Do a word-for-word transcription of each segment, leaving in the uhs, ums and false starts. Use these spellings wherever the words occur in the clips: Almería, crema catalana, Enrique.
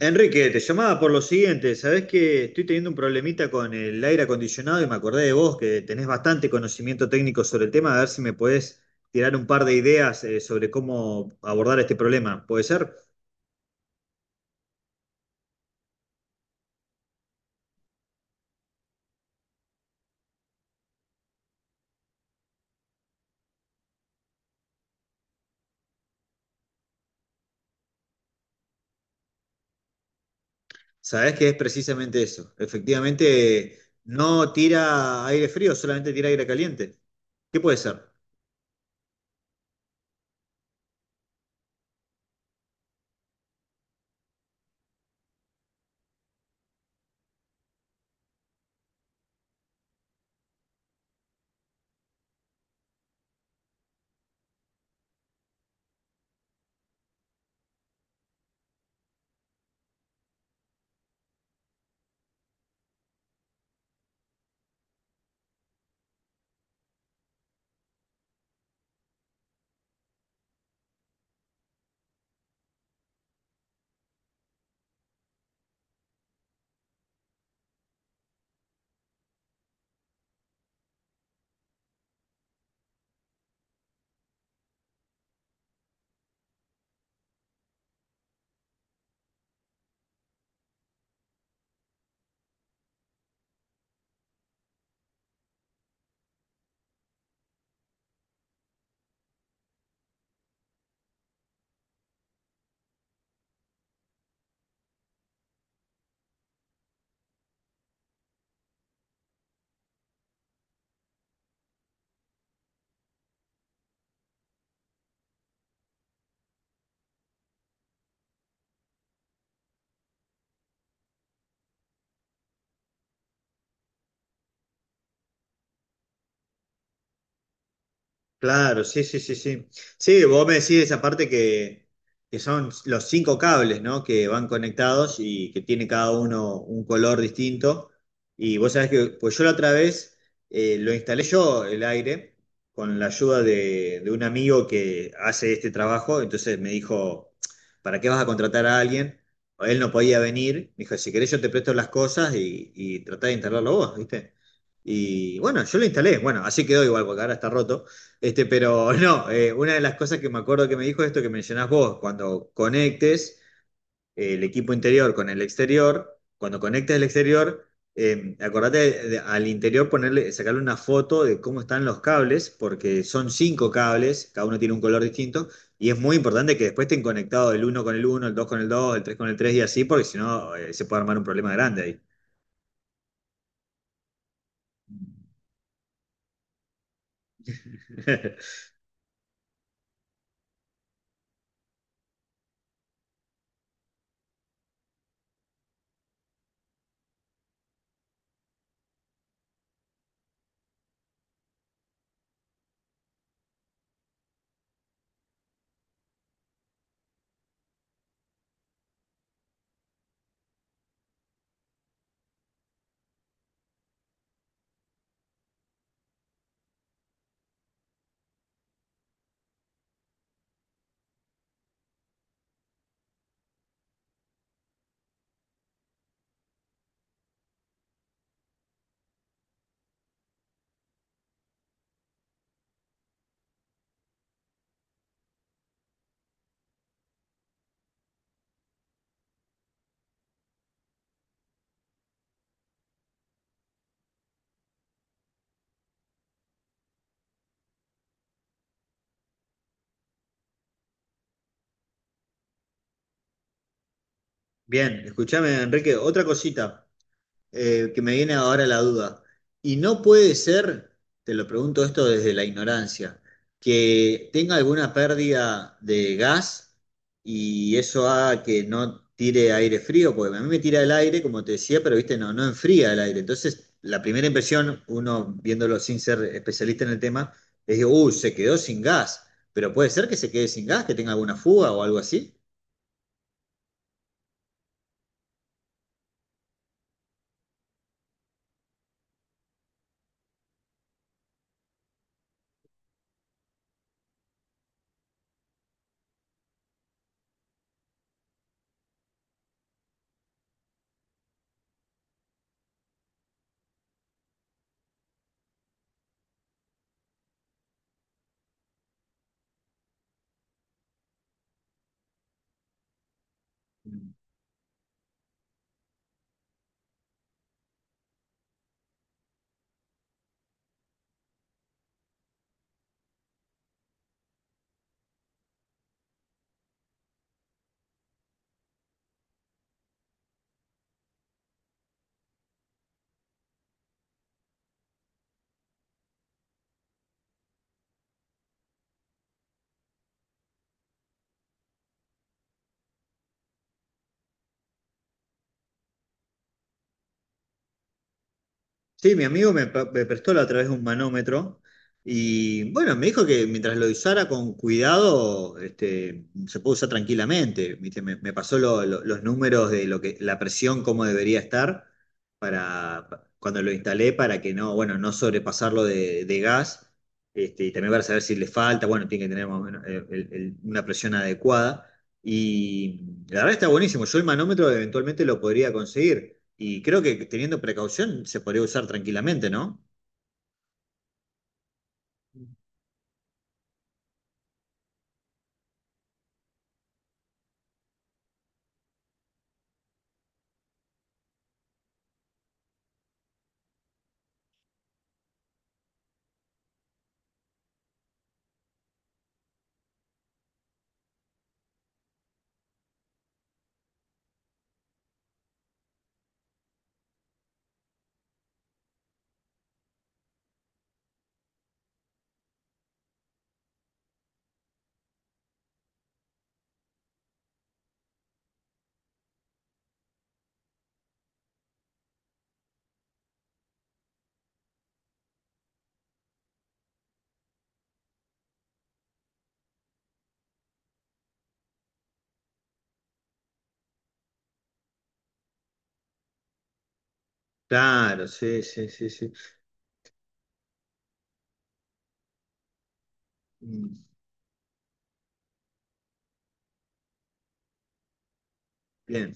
Enrique, te llamaba por lo siguiente. Sabés que estoy teniendo un problemita con el aire acondicionado y me acordé de vos, que tenés bastante conocimiento técnico sobre el tema, a ver si me podés tirar un par de ideas, eh, sobre cómo abordar este problema. ¿Puede ser? Sabés que es precisamente eso. Efectivamente, no tira aire frío, solamente tira aire caliente. ¿Qué puede ser? Claro, sí, sí, sí, sí. Sí, vos me decís esa parte que, que son los cinco cables, ¿no? Que van conectados y que tiene cada uno un color distinto. Y vos sabés que, pues yo la otra vez, eh, lo instalé yo el aire con la ayuda de, de un amigo que hace este trabajo. Entonces me dijo, ¿para qué vas a contratar a alguien? Él no podía venir. Me dijo, si querés yo te presto las cosas y, y tratá de instalarlo vos, ¿viste? Y bueno, yo lo instalé. Bueno, así quedó igual porque ahora está roto. Este, pero no, eh, una de las cosas que me acuerdo que me dijo es esto que mencionás vos, cuando conectes eh, el equipo interior con el exterior, cuando conectes el exterior, eh, acordate de- de- al interior ponerle, sacarle una foto de cómo están los cables, porque son cinco cables, cada uno tiene un color distinto, y es muy importante que después estén conectados el uno con el uno, el dos con el dos, el tres con el tres y así, porque si no, eh, se puede armar un problema grande ahí. Bien, escuchame, Enrique, otra cosita. Eh, que me viene ahora la duda. Y no puede ser, te lo pregunto esto desde la ignorancia, que tenga alguna pérdida de gas y eso haga que no tire aire frío, porque a mí me tira el aire, como te decía, pero viste, no, no enfría el aire. Entonces, la primera impresión, uno viéndolo sin ser especialista en el tema, es que, uh, se quedó sin gas. Pero puede ser que se quede sin gas, que tenga alguna fuga o algo así. Sí, mi amigo me, pa- me prestó la otra vez un manómetro y bueno, me dijo que mientras lo usara con cuidado, este, se puede usar tranquilamente. ¿Viste? Me, me pasó lo- lo- los números de lo que, la presión, cómo debería estar para pa- cuando lo instalé para que no, bueno, no sobrepasarlo de, de gas. Este, y también para saber si le falta, bueno, tiene que tener más o menos, eh, el- el- una presión adecuada. Y la verdad está buenísimo. Yo el manómetro eventualmente lo podría conseguir. Y creo que teniendo precaución se podría usar tranquilamente, ¿no? Claro, sí, sí, sí, sí. Mm. Bien.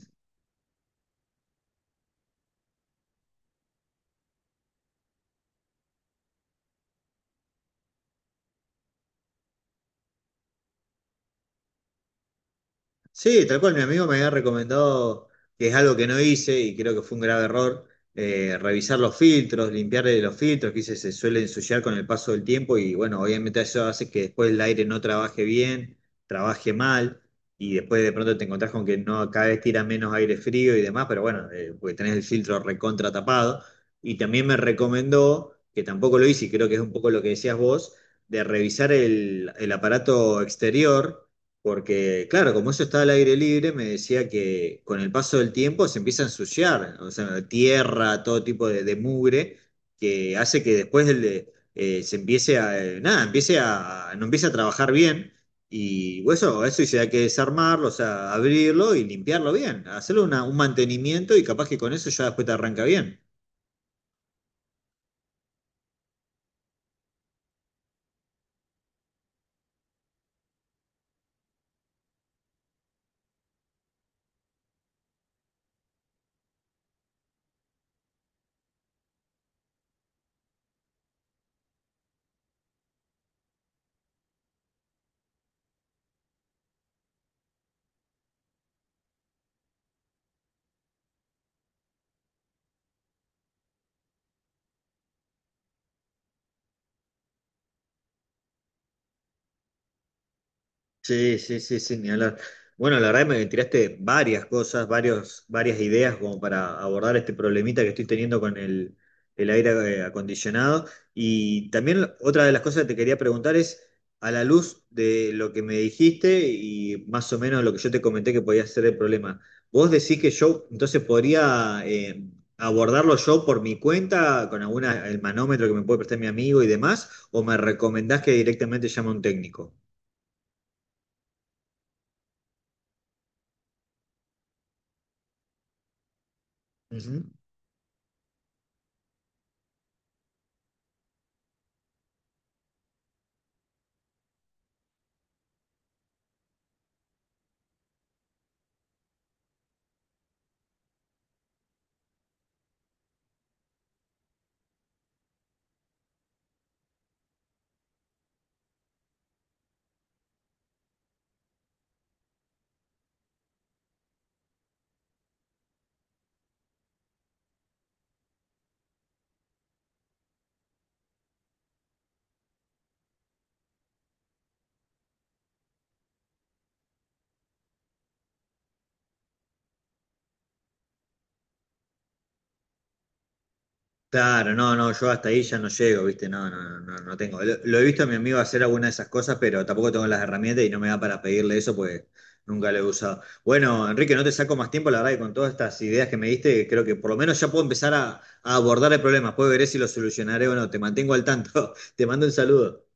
Sí, tal cual, mi amigo me había recomendado, que es algo que no hice y creo que fue un grave error, eh, revisar los filtros, limpiarle los filtros, que se, se suele ensuciar con el paso del tiempo y bueno, obviamente eso hace que después el aire no trabaje bien, trabaje mal y después de pronto te encontrás con que no, cada vez tira menos aire frío y demás, pero bueno, eh, porque tenés el filtro recontra tapado. Y también me recomendó, que tampoco lo hice y creo que es un poco lo que decías vos, de revisar el el aparato exterior porque, claro, como eso está al aire libre, me decía que con el paso del tiempo se empieza a ensuciar, o sea, tierra, todo tipo de, de mugre, que hace que después el de- eh, se empiece a, eh, nada, empiece a, no empiece a trabajar bien. Y bueno, eso, eso sí hay que desarmarlo, o sea, abrirlo y limpiarlo bien, hacerle una- un mantenimiento y capaz que con eso ya después te arranca bien. Sí, sí, sí, sí, ni hablar. Bueno, la verdad me tiraste varias cosas, varios, varias ideas como para abordar este problemita que estoy teniendo con el, el aire, eh, acondicionado. Y también otra de las cosas que te quería preguntar es, a la luz de lo que me dijiste y más o menos lo que yo te comenté que podía ser el problema, ¿vos decís que yo entonces podría, eh, abordarlo yo por mi cuenta con alguna, el manómetro que me puede prestar mi amigo y demás? ¿O me recomendás que directamente llame a un técnico? Ujú. Claro, no, no, yo hasta ahí ya no llego, ¿viste? No, no, no, no no tengo. Lo, lo he visto a mi amigo hacer alguna de esas cosas, pero tampoco tengo las herramientas y no me da para pedirle eso pues nunca lo he usado. Bueno, Enrique, no te saco más tiempo, la verdad que con todas estas ideas que me diste, creo que por lo menos ya puedo empezar a, a abordar el problema. Puedo ver si lo solucionaré o no. Te mantengo al tanto. Te mando un saludo.